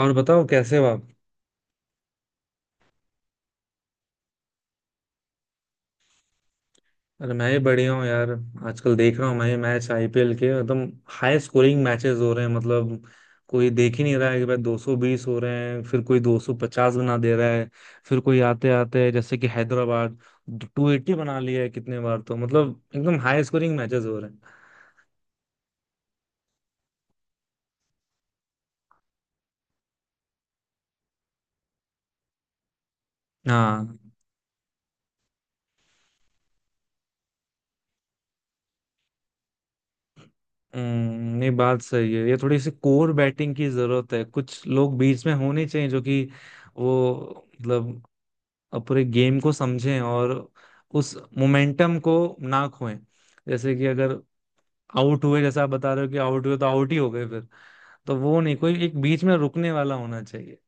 और बताओ कैसे हो आप। अरे मैं ही बढ़िया हूँ यार। आजकल देख रहा हूँ मैं ये मैच आईपीएल के एकदम हाई स्कोरिंग मैचेस हो रहे हैं मतलब। कोई देख ही नहीं रहा है कि भाई 220 हो रहे हैं, फिर कोई 250 बना दे रहा है। फिर कोई आते आते जैसे कि हैदराबाद 280 बना लिया है कितने बार तो, मतलब एकदम हाई स्कोरिंग मैचेस हो रहे हैं। हाँ। नहीं, बात सही है। ये थोड़ी सी कोर बैटिंग की जरूरत है, कुछ लोग बीच में होने चाहिए जो कि वो मतलब और पूरे गेम को समझें और उस मोमेंटम को ना खोएं। जैसे कि अगर आउट हुए, जैसा आप बता रहे हो, कि आउट हुए तो आउट ही हो गए फिर। तो वो नहीं, कोई एक बीच में रुकने वाला होना चाहिए।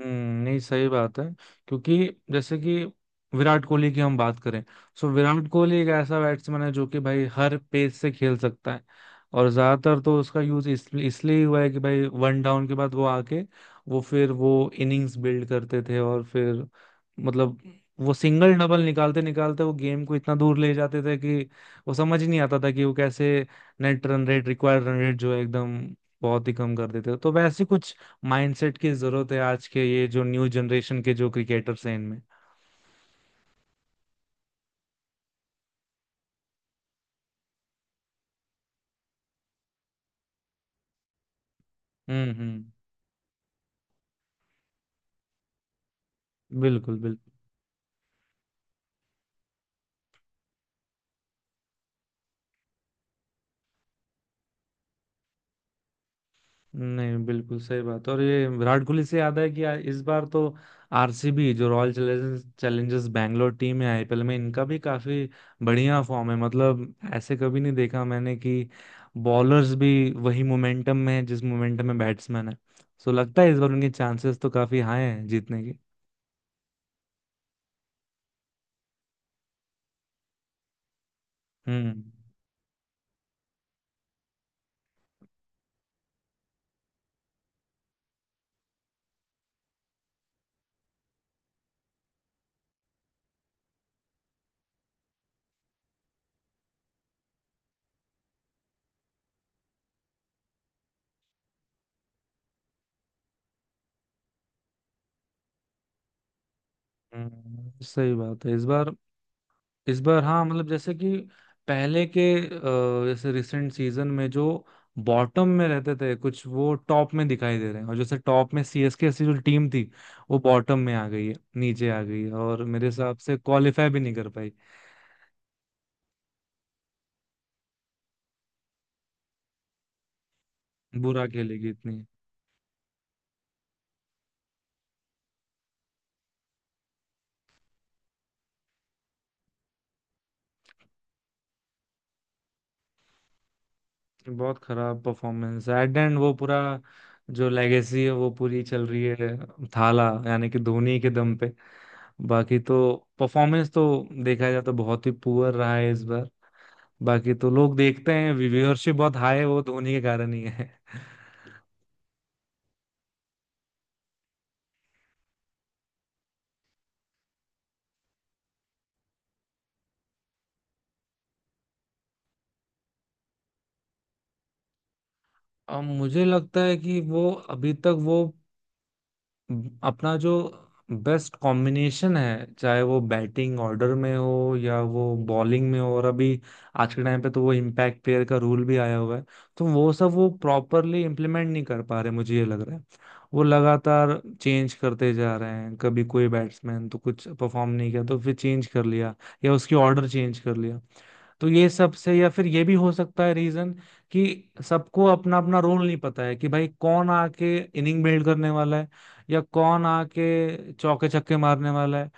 नहीं, सही बात है। क्योंकि जैसे कि विराट कोहली की हम बात करें। सो विराट कोहली एक ऐसा बैट्समैन है जो कि भाई हर पेस से खेल सकता है। और ज्यादातर तो उसका यूज इसलिए इसलिए हुआ है कि भाई वन डाउन के बाद वो आके, वो फिर वो इनिंग्स बिल्ड करते थे और फिर मतलब वो सिंगल डबल निकालते निकालते वो गेम को इतना दूर ले जाते थे कि वो समझ ही नहीं आता था कि वो कैसे net run rate, required run rate जो है एकदम बहुत ही कम कर देते थे। तो वैसे कुछ माइंडसेट की जरूरत है आज के ये जो न्यू जनरेशन के जो क्रिकेटर्स हैं इनमें। हम्म। बिल्कुल बिल्कुल। नहीं, बिल्कुल सही बात। और ये विराट कोहली से याद है कि इस बार तो आरसीबी जो Royal Challengers Challengers Bangalore team है आईपीएल में, इनका भी काफी बढ़िया फॉर्म है मतलब। ऐसे कभी नहीं देखा मैंने कि बॉलर्स भी वही मोमेंटम में है जिस मोमेंटम में बैट्समैन है। सो लगता है इस बार उनके चांसेस तो काफी हाई हैं जीतने के। हम्म। सही बात है इस बार। इस बार हाँ, मतलब जैसे कि पहले के जैसे रिसेंट सीजन में जो बॉटम में रहते थे कुछ, वो टॉप में दिखाई दे रहे हैं। और जैसे टॉप में सीएसके ऐसी जो टीम थी वो बॉटम में आ गई है, नीचे आ गई है। और मेरे हिसाब से क्वालिफाई भी नहीं कर पाई। बुरा खेलेगी इतनी। बहुत खराब परफॉर्मेंस है एट एंड, वो पूरा जो लेगेसी है वो पूरी चल रही है, थाला यानी कि धोनी के दम पे। बाकी तो परफॉर्मेंस तो देखा जाए तो बहुत ही पुअर रहा है इस बार। बाकी तो लोग देखते हैं, व्यूअरशिप बहुत हाई है, वो धोनी के कारण ही है। अब मुझे लगता है कि वो अभी तक वो अपना जो बेस्ट कॉम्बिनेशन है, चाहे वो बैटिंग ऑर्डर में हो या वो बॉलिंग में हो। और अभी आज के टाइम पे तो वो इम्पैक्ट प्लेयर का रूल भी आया हुआ है। तो वो सब वो प्रॉपरली इम्प्लीमेंट नहीं कर पा रहे, मुझे ये लग रहा है। वो लगातार चेंज करते जा रहे हैं, कभी कोई बैट्समैन तो कुछ परफॉर्म नहीं किया तो फिर चेंज कर लिया या उसकी ऑर्डर चेंज कर लिया। तो ये सब से, या फिर ये भी हो सकता है रीजन कि सबको अपना अपना रोल नहीं पता है कि भाई कौन आके इनिंग बिल्ड करने वाला है या कौन आके चौके छक्के मारने वाला है।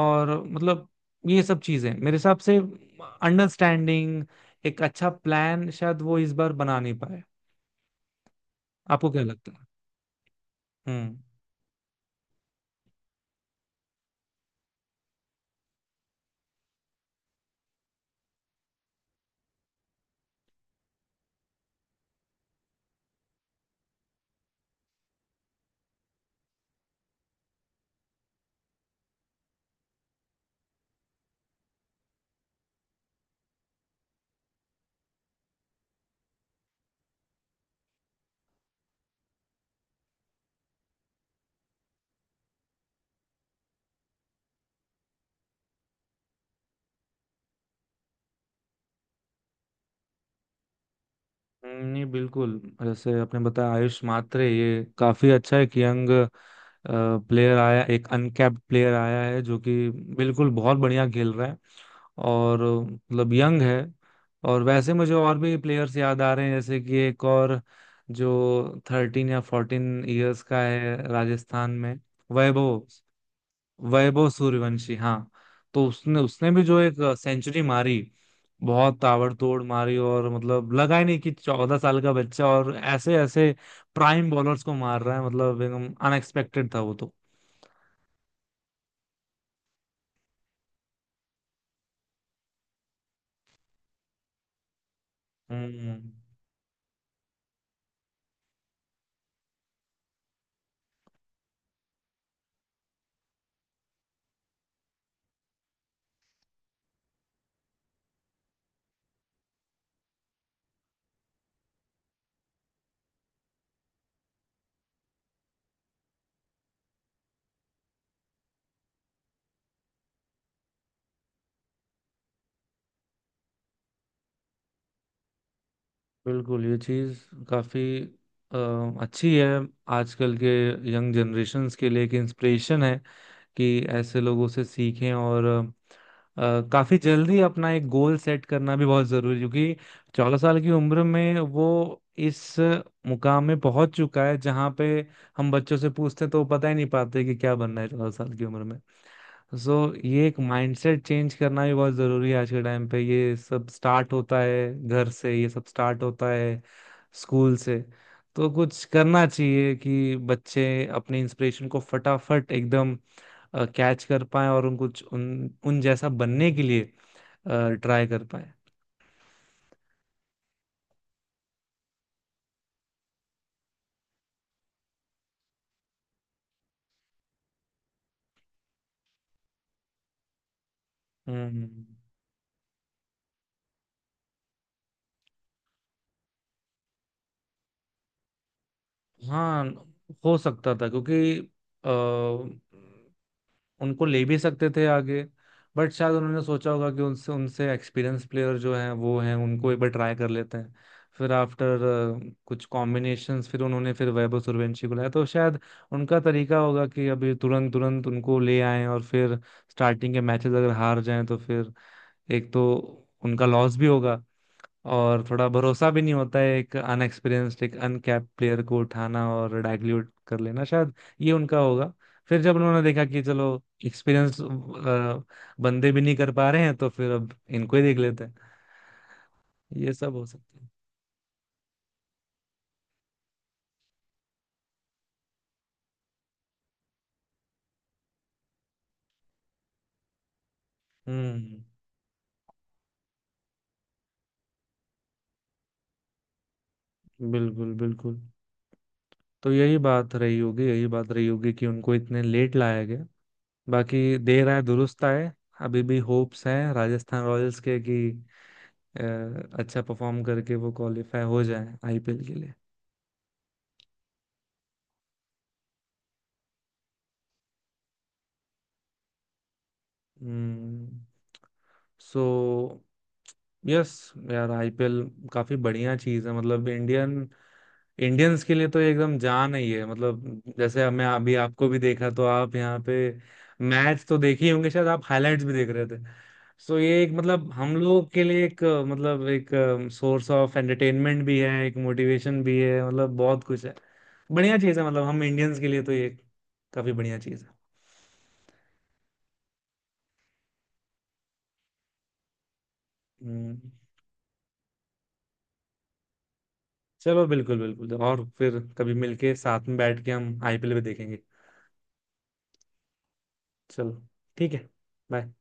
और मतलब ये सब चीजें मेरे हिसाब से अंडरस्टैंडिंग, एक अच्छा प्लान शायद वो इस बार बना नहीं पाए। आपको क्या लगता है? हम्म हम्म। नहीं, बिल्कुल। जैसे आपने बताया, आयुष मात्रे ये काफी अच्छा है कि यंग प्लेयर आया, एक अनकैप्ड प्लेयर आया है जो कि बिल्कुल बहुत बढ़िया खेल रहा है। और मतलब यंग है। और वैसे मुझे और भी प्लेयर्स याद आ रहे हैं, जैसे कि एक और जो 13 या 14 इयर्स का है राजस्थान में, वैभव। वैभव सूर्यवंशी, हाँ। तो उसने उसने भी जो एक सेंचुरी मारी, बहुत ताबड़तोड़ मारी। और मतलब लगा ही नहीं कि 14 साल का बच्चा, और ऐसे ऐसे प्राइम बॉलर्स को मार रहा है, मतलब एकदम अनएक्सपेक्टेड था वो तो। हम्म। बिल्कुल। ये चीज काफी अ, अच्छी है। आजकल के यंग जनरेशन्स के लिए एक इंस्पिरेशन है कि ऐसे लोगों से सीखें, और अ, काफी जल्दी अपना एक गोल सेट करना भी बहुत जरूरी है, क्योंकि 14 साल की उम्र में वो इस मुकाम में पहुंच चुका है, जहां पे हम बच्चों से पूछते हैं तो वो पता ही नहीं पाते कि क्या बनना है 14 साल की उम्र में। सो ये एक माइंडसेट चेंज करना भी बहुत जरूरी है आज के टाइम पे। ये सब स्टार्ट होता है घर से, ये सब स्टार्ट होता है स्कूल से। तो कुछ करना चाहिए कि बच्चे अपने इंस्पिरेशन को फटाफट एकदम कैच कर पाए और उन कुछ उन उन जैसा बनने के लिए ट्राई कर पाए। हम्म। हाँ। हो सकता था क्योंकि अ, उनको ले भी सकते थे आगे। बट शायद उन्होंने सोचा होगा कि उनसे उनसे एक्सपीरियंस प्लेयर जो हैं वो हैं, उनको एक बार ट्राई कर लेते हैं फिर आफ्टर कुछ कॉम्बिनेशंस। फिर उन्होंने फिर वैभव सूर्यवंशी को लाया, तो शायद उनका तरीका होगा कि अभी तुरंत तुरंत उनको ले आएं। और फिर स्टार्टिंग के मैचेस अगर हार जाएं, तो फिर एक तो उनका लॉस भी होगा, और थोड़ा भरोसा भी नहीं होता है एक अनएक्सपीरियंस्ड, एक अनकैप्ड प्लेयर को उठाना और डाइल्यूट कर लेना। शायद ये उनका होगा। फिर जब उन्होंने देखा कि चलो एक्सपीरियंस बंदे भी नहीं कर पा रहे हैं, तो फिर अब इनको ही देख लेते हैं। ये सब हो सकता है। हम्म। बिल्कुल बिल्कुल। तो यही बात रही होगी, यही बात रही होगी कि उनको इतने लेट लाया गया। बाकी देर आए दुरुस्त आए। अभी भी होप्स हैं राजस्थान रॉयल्स के कि अ, अच्छा परफॉर्म करके वो क्वालिफाई हो जाए आईपीएल के लिए। हम्म। So yes. यार आईपीएल काफी बढ़िया चीज है मतलब। इंडियन इंडियंस के लिए तो ये एकदम जान ही है मतलब। जैसे अब मैं अभी आपको भी देखा तो आप यहाँ पे मैच तो देखे ही होंगे शायद, आप हाइलाइट्स भी देख रहे थे। सो ये एक मतलब हम लोगों के लिए एक मतलब एक सोर्स ऑफ एंटरटेनमेंट भी है, एक मोटिवेशन भी है मतलब। बहुत कुछ है, बढ़िया चीज़ है मतलब। हम इंडियंस के लिए तो ये काफी बढ़िया चीज़ है। हम्म, चलो बिल्कुल बिल्कुल। और फिर कभी मिलके साथ में बैठ के हम आईपीएल भी देखेंगे। चलो, ठीक है। बाय।